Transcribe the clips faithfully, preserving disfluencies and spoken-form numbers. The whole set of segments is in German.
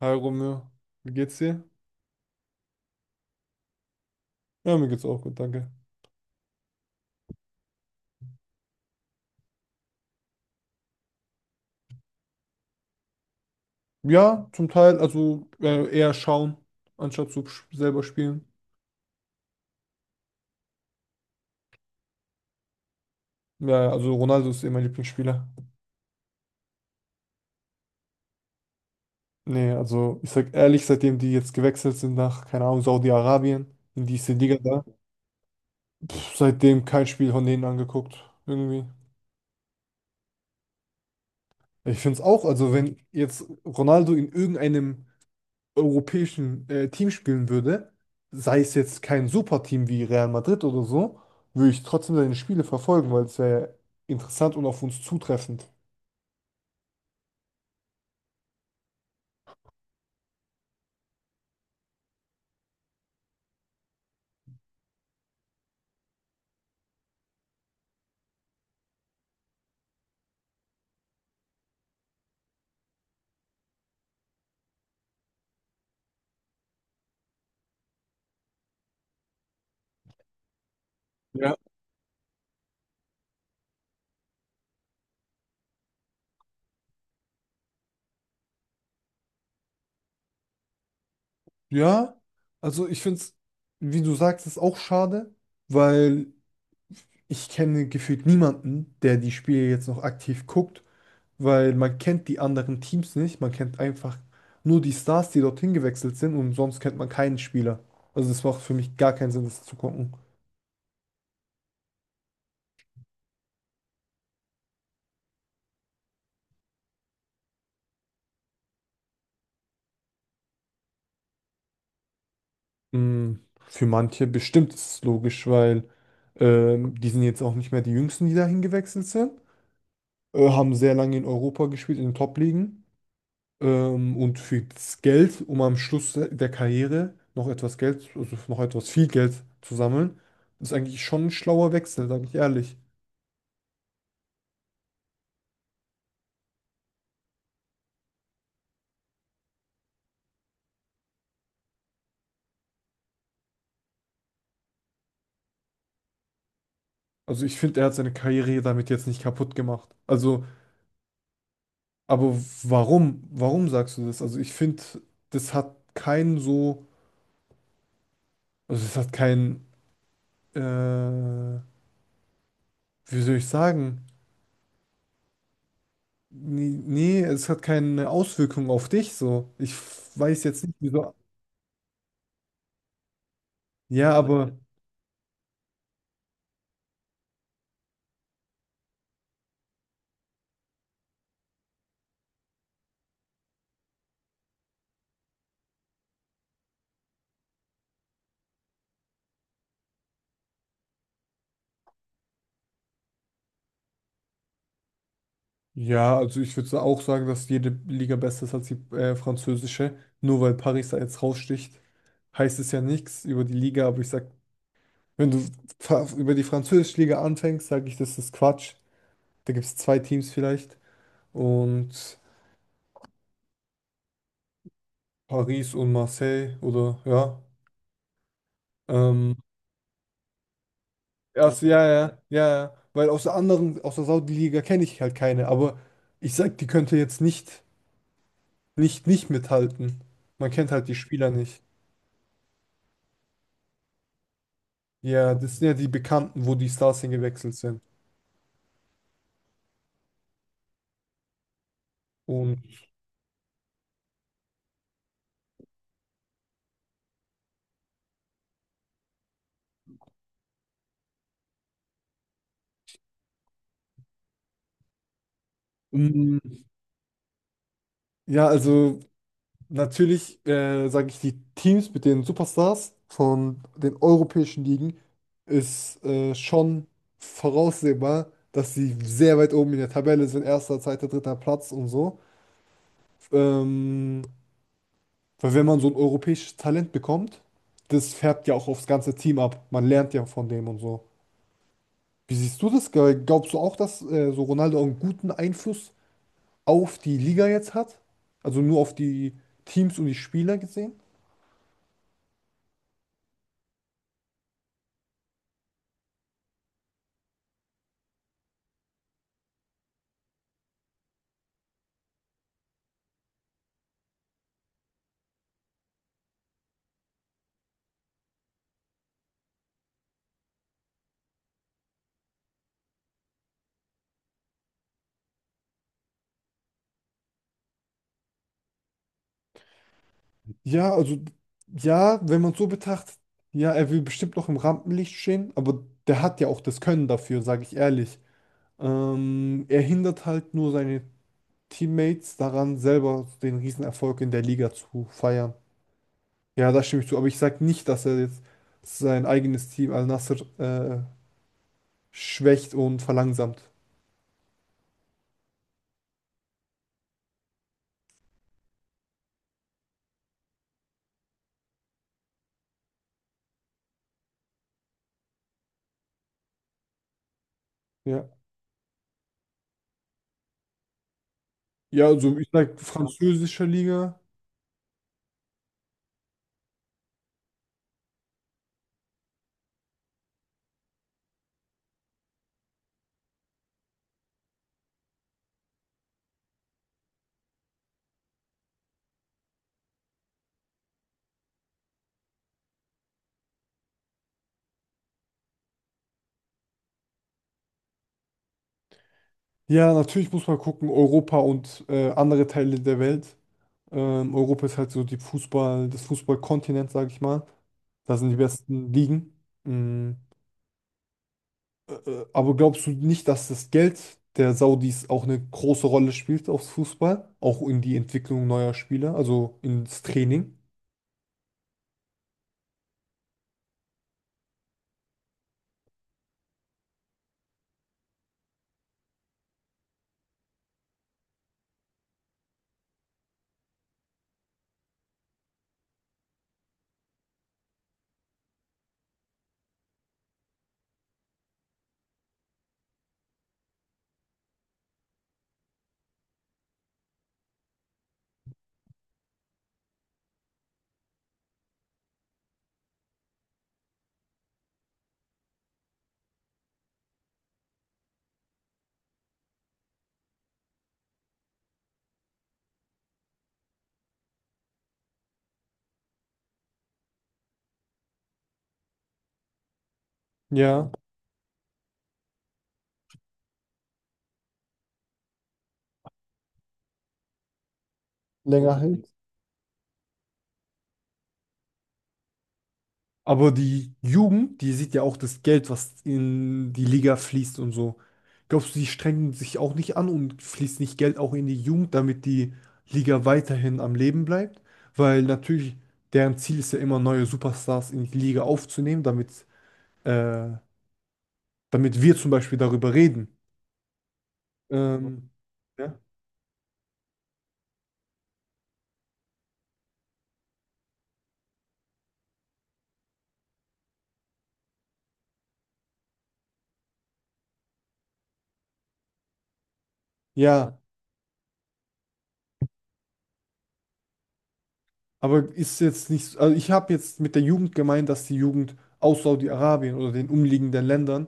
Hi Romeo, wie geht's dir? Ja, mir geht's auch gut, danke. Ja, zum Teil, also äh, eher schauen, anstatt zu sch- selber spielen. Ja, ja, also Ronaldo ist eh mein Lieblingsspieler. Nee, also ich sag ehrlich, seitdem die jetzt gewechselt sind nach, keine Ahnung, Saudi-Arabien, in diese Liga da, pff, seitdem kein Spiel von denen angeguckt, irgendwie. Ich find's auch, also wenn jetzt Ronaldo in irgendeinem europäischen äh, Team spielen würde, sei es jetzt kein Superteam wie Real Madrid oder so, würde ich trotzdem seine Spiele verfolgen, weil es wäre interessant und auf uns zutreffend. Ja. Ja, also ich finde es, wie du sagst, ist auch schade, weil ich kenne gefühlt niemanden, der die Spiele jetzt noch aktiv guckt, weil man kennt die anderen Teams nicht, man kennt einfach nur die Stars, die dorthin gewechselt sind und sonst kennt man keinen Spieler. Also das macht für mich gar keinen Sinn, das zu gucken. Mm, Für manche bestimmt ist es logisch, weil ähm, die sind jetzt auch nicht mehr die Jüngsten, die dahin gewechselt sind, äh, haben sehr lange in Europa gespielt, in den Top-Ligen. Ähm, und für das Geld, um am Schluss der der Karriere noch etwas Geld, also noch etwas viel Geld zu sammeln, ist eigentlich schon ein schlauer Wechsel, sage ich ehrlich. Also ich finde, er hat seine Karriere damit jetzt nicht kaputt gemacht. Also, aber warum? Warum sagst du das? Also ich finde, das hat keinen so, also es hat keinen äh, wie soll ich sagen? Nee, nee, es hat keine Auswirkung auf dich so. Ich weiß jetzt nicht, wieso. Ja, aber ja, also ich würde auch sagen, dass jede Liga besser ist als die äh, französische. Nur weil Paris da jetzt raussticht, heißt es ja nichts über die Liga. Aber ich sag, wenn du fa- über die französische Liga anfängst, sage ich, das ist Quatsch. Da gibt es zwei Teams vielleicht und Paris und Marseille oder ja. Ähm, Ja, so, ja, ja, ja, ja. Weil aus der anderen, aus der Saudi-Liga kenne ich halt keine, aber ich sag, die könnte jetzt nicht, nicht, nicht mithalten. Man kennt halt die Spieler nicht. Ja, das sind ja die Bekannten, wo die Stars hingewechselt sind. Und mm, ja, also natürlich, äh, sage ich, die Teams mit den Superstars von den europäischen Ligen ist äh, schon voraussehbar, dass sie sehr weit oben in der Tabelle sind, erster, zweiter, dritter Platz und so. Ähm, Weil wenn man so ein europäisches Talent bekommt, das färbt ja auch aufs ganze Team ab. Man lernt ja von dem und so. Wie siehst du das? Ge- Glaubst du auch, dass äh, so Ronaldo einen guten Einfluss auf die Liga jetzt hat? Also nur auf die Teams und die Spieler gesehen? Ja, also ja, wenn man es so betrachtet, ja, er will bestimmt noch im Rampenlicht stehen, aber der hat ja auch das Können dafür, sage ich ehrlich. Ähm, er hindert halt nur seine Teammates daran, selber den Riesenerfolg in der Liga zu feiern. Ja, da stimme ich zu. Aber ich sage nicht, dass er jetzt sein eigenes Team Al-Nassr äh, schwächt und verlangsamt. Ja. Ja, also ich sage französische Liga. Ja, natürlich muss man gucken, Europa und äh, andere Teile der Welt. Ähm, Europa ist halt so die Fußball, das Fußballkontinent, sage ich mal. Da sind die besten Ligen. Mm, äh, äh, aber glaubst du nicht, dass das Geld der Saudis auch eine große Rolle spielt aufs Fußball? Auch in die Entwicklung neuer Spieler, also ins Training? Ja. Länger hält. Aber die Jugend, die sieht ja auch das Geld, was in die Liga fließt und so. Glaubst du, die strengen sich auch nicht an und fließt nicht Geld auch in die Jugend, damit die Liga weiterhin am Leben bleibt? Weil natürlich deren Ziel ist ja immer, neue Superstars in die Liga aufzunehmen, damit, äh, damit wir zum Beispiel darüber reden. Ähm, ja, ja, aber ist jetzt nicht, also ich habe jetzt mit der Jugend gemeint, dass die Jugend aus Saudi-Arabien oder den umliegenden Ländern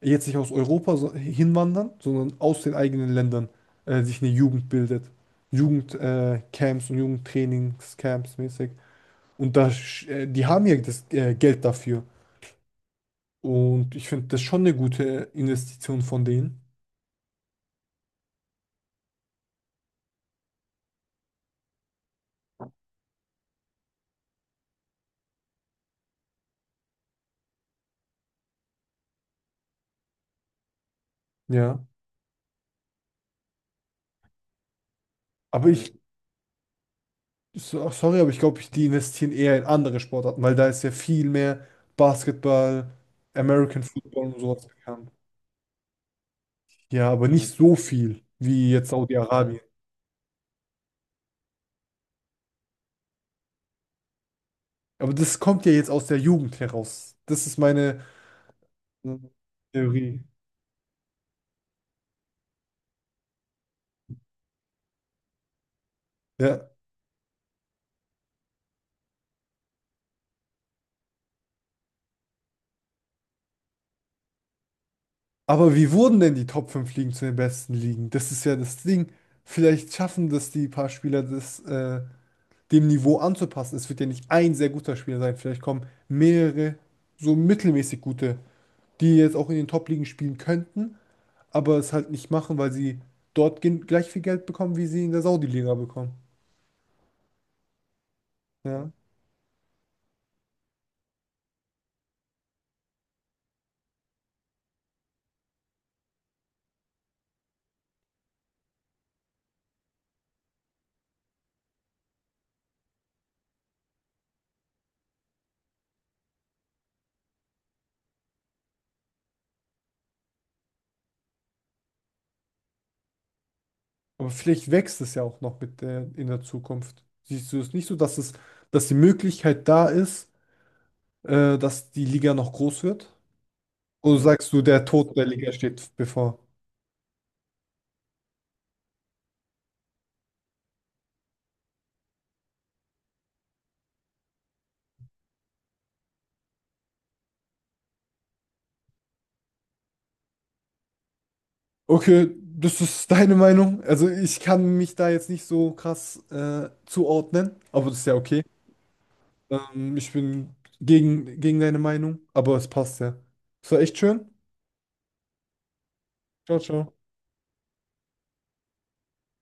jetzt nicht aus Europa so- hinwandern, sondern aus den eigenen Ländern äh, sich eine Jugend bildet. Jugendcamps äh, Camps und Jugendtrainingscamps mäßig. Und da, sch- äh, die haben ja das äh, Geld dafür. Und ich finde das schon eine gute Investition von denen. Ja. Aber mhm, ich, so, sorry, aber ich glaube, ich, die investieren eher in andere Sportarten, weil da ist ja viel mehr Basketball, American Football und sowas bekannt. Ja, aber nicht mhm, so viel wie jetzt Saudi-Arabien. Aber das kommt ja jetzt aus der Jugend heraus. Das ist meine Theorie. Ja. Aber wie wurden denn die Top fünf Ligen zu den besten Ligen? Das ist ja das Ding. Vielleicht schaffen das die paar Spieler, das äh, dem Niveau anzupassen. Es wird ja nicht ein sehr guter Spieler sein. Vielleicht kommen mehrere so mittelmäßig gute, die jetzt auch in den Top-Ligen spielen könnten, aber es halt nicht machen, weil sie dort gen- gleich viel Geld bekommen, wie sie in der Saudi-Liga bekommen. Ja. Aber vielleicht wächst es ja auch noch mit der, in der Zukunft. Siehst du es nicht so, dass es, dass die Möglichkeit da ist, äh, dass die Liga noch groß wird? Oder sagst du, der Tod der Liga steht bevor? Okay, das ist deine Meinung. Also ich kann mich da jetzt nicht so krass äh, zuordnen, aber das ist ja okay. Ähm, ich bin gegen, gegen deine Meinung, aber es passt ja. Es war echt schön. Ciao, ciao.